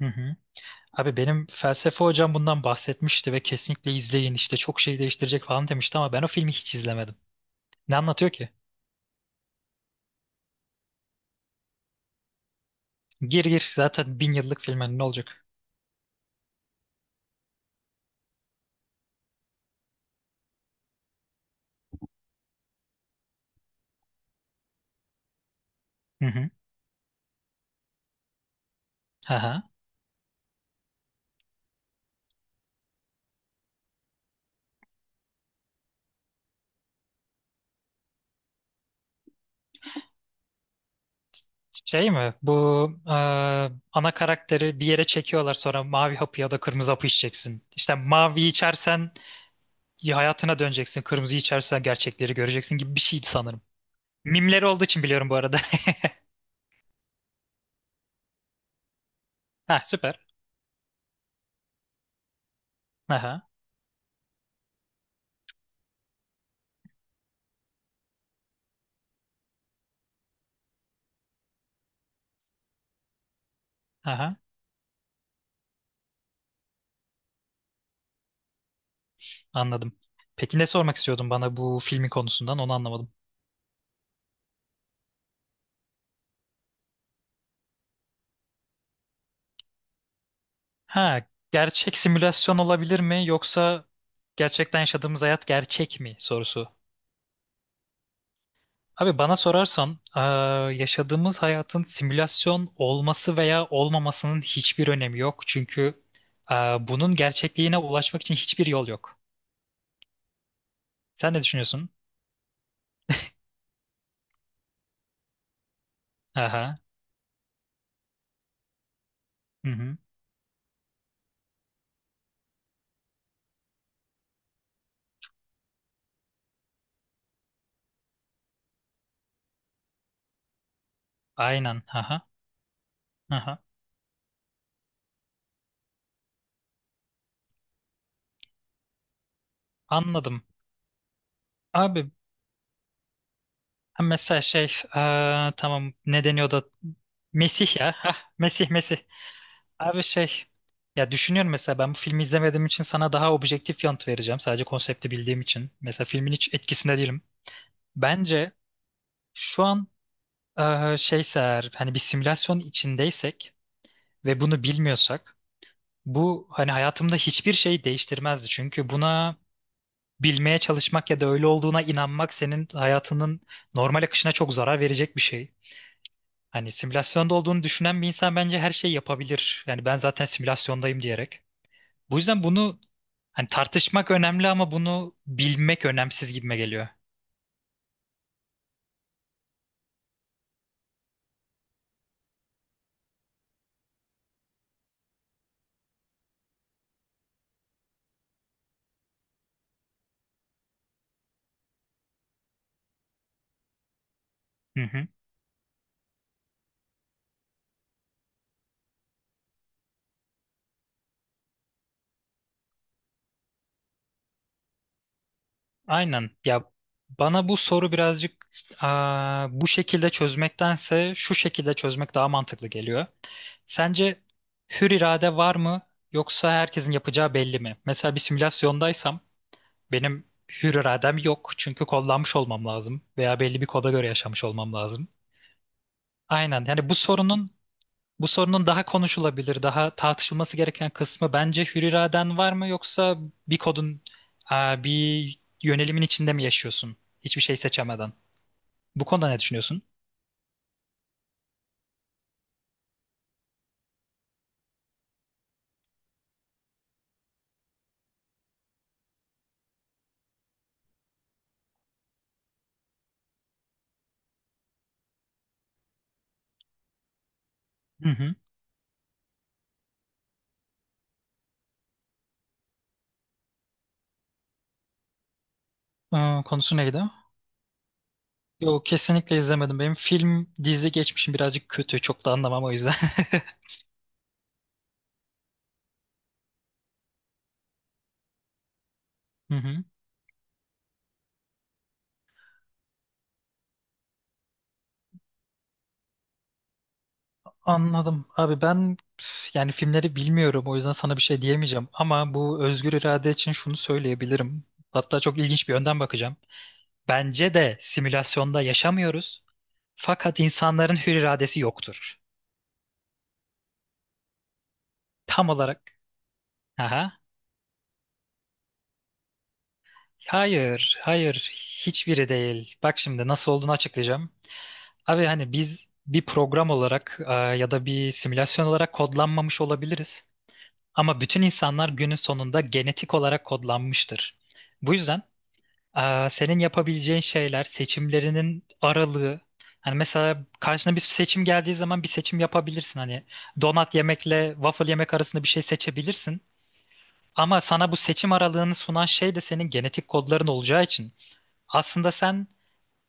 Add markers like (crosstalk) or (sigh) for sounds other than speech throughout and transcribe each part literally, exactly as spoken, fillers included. Hı hı. Abi benim felsefe hocam bundan bahsetmişti ve kesinlikle izleyin işte çok şey değiştirecek falan demişti ama ben o filmi hiç izlemedim. Ne anlatıyor ki? Gir gir zaten bin yıllık film hani ne olacak? Hı hı. Aha. Şey mi? Bu e, ana karakteri bir yere çekiyorlar, sonra mavi hapı ya da kırmızı hapı içeceksin. İşte mavi içersen hayatına döneceksin, kırmızı içersen gerçekleri göreceksin gibi bir şeydi sanırım. Mimleri olduğu için biliyorum bu arada. (laughs) Ha, süper. Aha. Aha. Anladım. Peki ne sormak istiyordun bana, bu filmin konusundan onu anlamadım. Ha, gerçek simülasyon olabilir mi, yoksa gerçekten yaşadığımız hayat gerçek mi sorusu. Abi bana sorarsan eee, yaşadığımız hayatın simülasyon olması veya olmamasının hiçbir önemi yok. Çünkü eee, bunun gerçekliğine ulaşmak için hiçbir yol yok. Sen ne düşünüyorsun? Aha. Hı hı. Aynen. Aha. Aha. Anladım. Abi. Ha, mesela şey, eee, tamam, ne deniyordu? Mesih ya. Hah, Mesih Mesih. Abi şey, ya düşünüyorum mesela, ben bu filmi izlemediğim için sana daha objektif yanıt vereceğim. Sadece konsepti bildiğim için. Mesela filmin hiç etkisinde değilim. Bence şu an, eee, şeyse eğer, hani bir simülasyon içindeysek ve bunu bilmiyorsak, bu hani hayatımda hiçbir şey değiştirmezdi. Çünkü buna bilmeye çalışmak ya da öyle olduğuna inanmak senin hayatının normal akışına çok zarar verecek bir şey. Hani simülasyonda olduğunu düşünen bir insan bence her şeyi yapabilir. Yani ben zaten simülasyondayım diyerek. Bu yüzden bunu hani tartışmak önemli ama bunu bilmek önemsiz gibime geliyor. Hı hı. Aynen. Ya bana bu soru birazcık, aa, bu şekilde çözmektense şu şekilde çözmek daha mantıklı geliyor. Sence hür irade var mı, yoksa herkesin yapacağı belli mi? Mesela bir simülasyondaysam benim hür iradem yok, çünkü kodlanmış olmam lazım veya belli bir koda göre yaşamış olmam lazım. Aynen. Yani bu sorunun, bu sorunun daha konuşulabilir, daha tartışılması gereken kısmı bence hür iraden var mı, yoksa bir kodun, aa, bir yönelimin içinde mi yaşıyorsun? Hiçbir şey seçemeden. Bu konuda ne düşünüyorsun? Hı hı. Aa, konusu neydi? Yok, kesinlikle izlemedim. Benim film dizi geçmişim birazcık kötü. Çok da anlamam o yüzden. (laughs) Hı hı. Anladım. Abi ben üf, yani filmleri bilmiyorum o yüzden sana bir şey diyemeyeceğim. Ama bu özgür irade için şunu söyleyebilirim. Hatta çok ilginç bir yönden bakacağım. Bence de simülasyonda yaşamıyoruz. Fakat insanların hür iradesi yoktur. Tam olarak. Aha. Hayır, hayır, hiçbiri değil. Bak şimdi nasıl olduğunu açıklayacağım. Abi hani biz bir program olarak e, ya da bir simülasyon olarak kodlanmamış olabiliriz. Ama bütün insanlar günün sonunda genetik olarak kodlanmıştır. Bu yüzden, aa, senin yapabileceğin şeyler, seçimlerinin aralığı. Hani mesela karşına bir seçim geldiği zaman bir seçim yapabilirsin. Hani donat yemekle waffle yemek arasında bir şey seçebilirsin. Ama sana bu seçim aralığını sunan şey de senin genetik kodların olacağı için, aslında sen,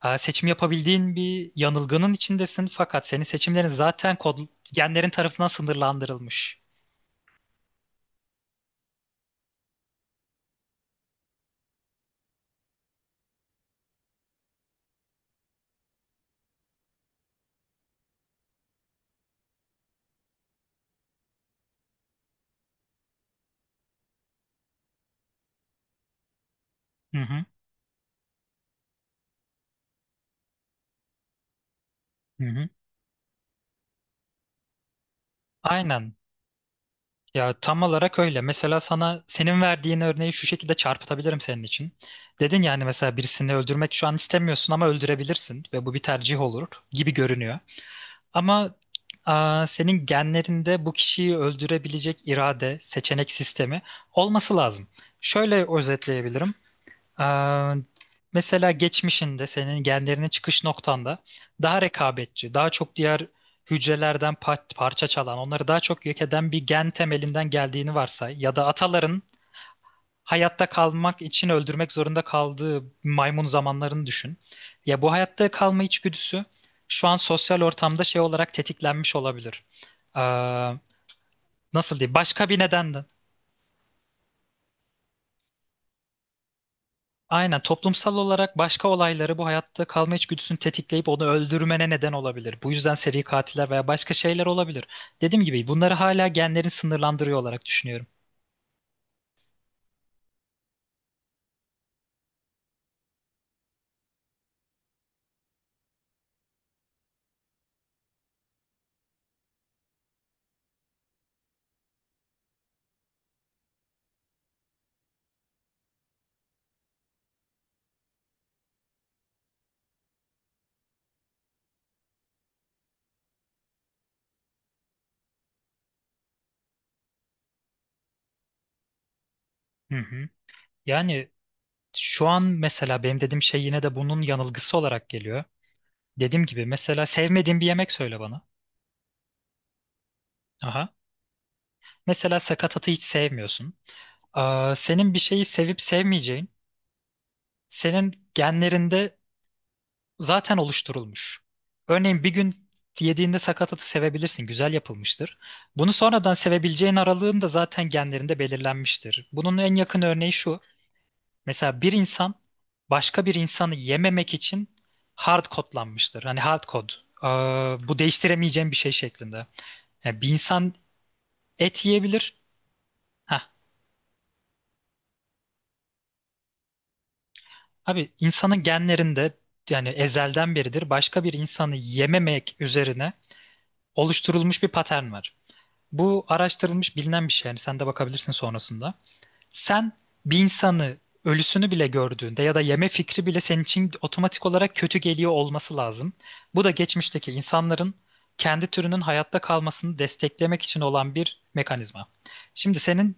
aa, seçim yapabildiğin bir yanılgının içindesin, fakat senin seçimlerin zaten kod, genlerin tarafından sınırlandırılmış. Hı hı, hı hı. Aynen. Ya tam olarak öyle. Mesela sana senin verdiğin örneği şu şekilde çarpıtabilirim senin için. Dedin yani mesela birisini öldürmek şu an istemiyorsun ama öldürebilirsin ve bu bir tercih olur gibi görünüyor. Ama, aa, senin genlerinde bu kişiyi öldürebilecek irade, seçenek sistemi olması lazım. Şöyle özetleyebilirim. Ee, Mesela geçmişinde senin genlerinin çıkış noktanda daha rekabetçi, daha çok diğer hücrelerden pa- parça çalan, onları daha çok yok eden bir gen temelinden geldiğini varsay, ya da ataların hayatta kalmak için öldürmek zorunda kaldığı maymun zamanlarını düşün. Ya bu hayatta kalma içgüdüsü şu an sosyal ortamda şey olarak tetiklenmiş olabilir. Ee, Nasıl diyeyim? Başka bir nedenden. Aynen, toplumsal olarak başka olayları bu hayatta kalma içgüdüsünü tetikleyip onu öldürmene neden olabilir. Bu yüzden seri katiller veya başka şeyler olabilir. Dediğim gibi bunları hala genlerin sınırlandırıyor olarak düşünüyorum. Hı hı. Yani şu an mesela benim dediğim şey yine de bunun yanılgısı olarak geliyor. Dediğim gibi mesela sevmediğin bir yemek söyle bana. Aha. Mesela sakatatı hiç sevmiyorsun. Aa, senin bir şeyi sevip sevmeyeceğin, senin genlerinde zaten oluşturulmuş. Örneğin bir gün yediğinde sakatatı sevebilirsin, güzel yapılmıştır. Bunu sonradan sevebileceğin aralığın da zaten genlerinde belirlenmiştir. Bunun en yakın örneği şu. Mesela bir insan başka bir insanı yememek için hard kodlanmıştır. Hani hard kod. Ee, Bu değiştiremeyeceğim bir şey şeklinde. Yani bir insan et yiyebilir. Heh, abi insanın genlerinde, yani ezelden beridir başka bir insanı yememek üzerine oluşturulmuş bir patern var. Bu araştırılmış bilinen bir şey. Yani sen de bakabilirsin sonrasında. Sen bir insanı, ölüsünü bile gördüğünde ya da yeme fikri bile senin için otomatik olarak kötü geliyor olması lazım. Bu da geçmişteki insanların kendi türünün hayatta kalmasını desteklemek için olan bir mekanizma. Şimdi senin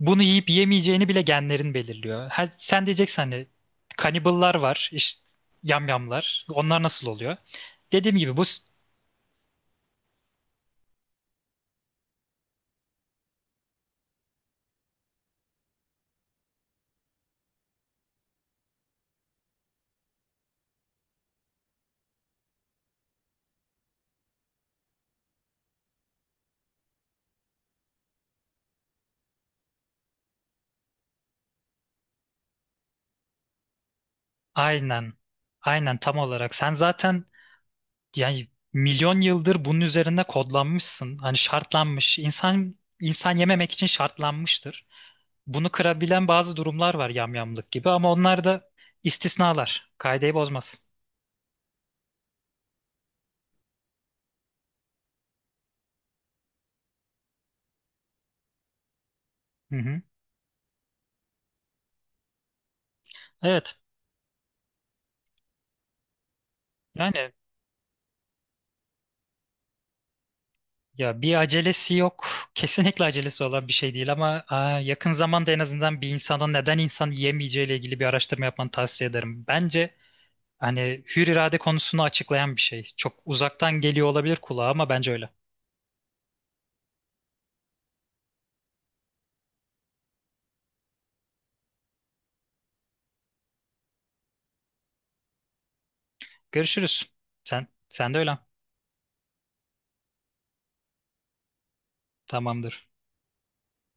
bunu yiyip yemeyeceğini bile genlerin belirliyor. Ha, sen diyeceksin hani kaniballar var, işte yamyamlar. Onlar nasıl oluyor? Dediğim gibi bu, aynen aynen tam olarak, sen zaten, yani milyon yıldır bunun üzerinde kodlanmışsın. Hani şartlanmış. İnsan insan yememek için şartlanmıştır. Bunu kırabilen bazı durumlar var, yamyamlık gibi, ama onlar da istisnalar. Kaideyi bozmaz. Hı hı. Evet. Yani ya, bir acelesi yok. Kesinlikle acelesi olan bir şey değil ama, aa, yakın zamanda en azından bir insanın neden insan yiyemeyeceği ile ilgili bir araştırma yapmanı tavsiye ederim. Bence hani hür irade konusunu açıklayan bir şey. Çok uzaktan geliyor olabilir kulağa ama bence öyle. Görüşürüz. Sen sen de öyle. Tamamdır.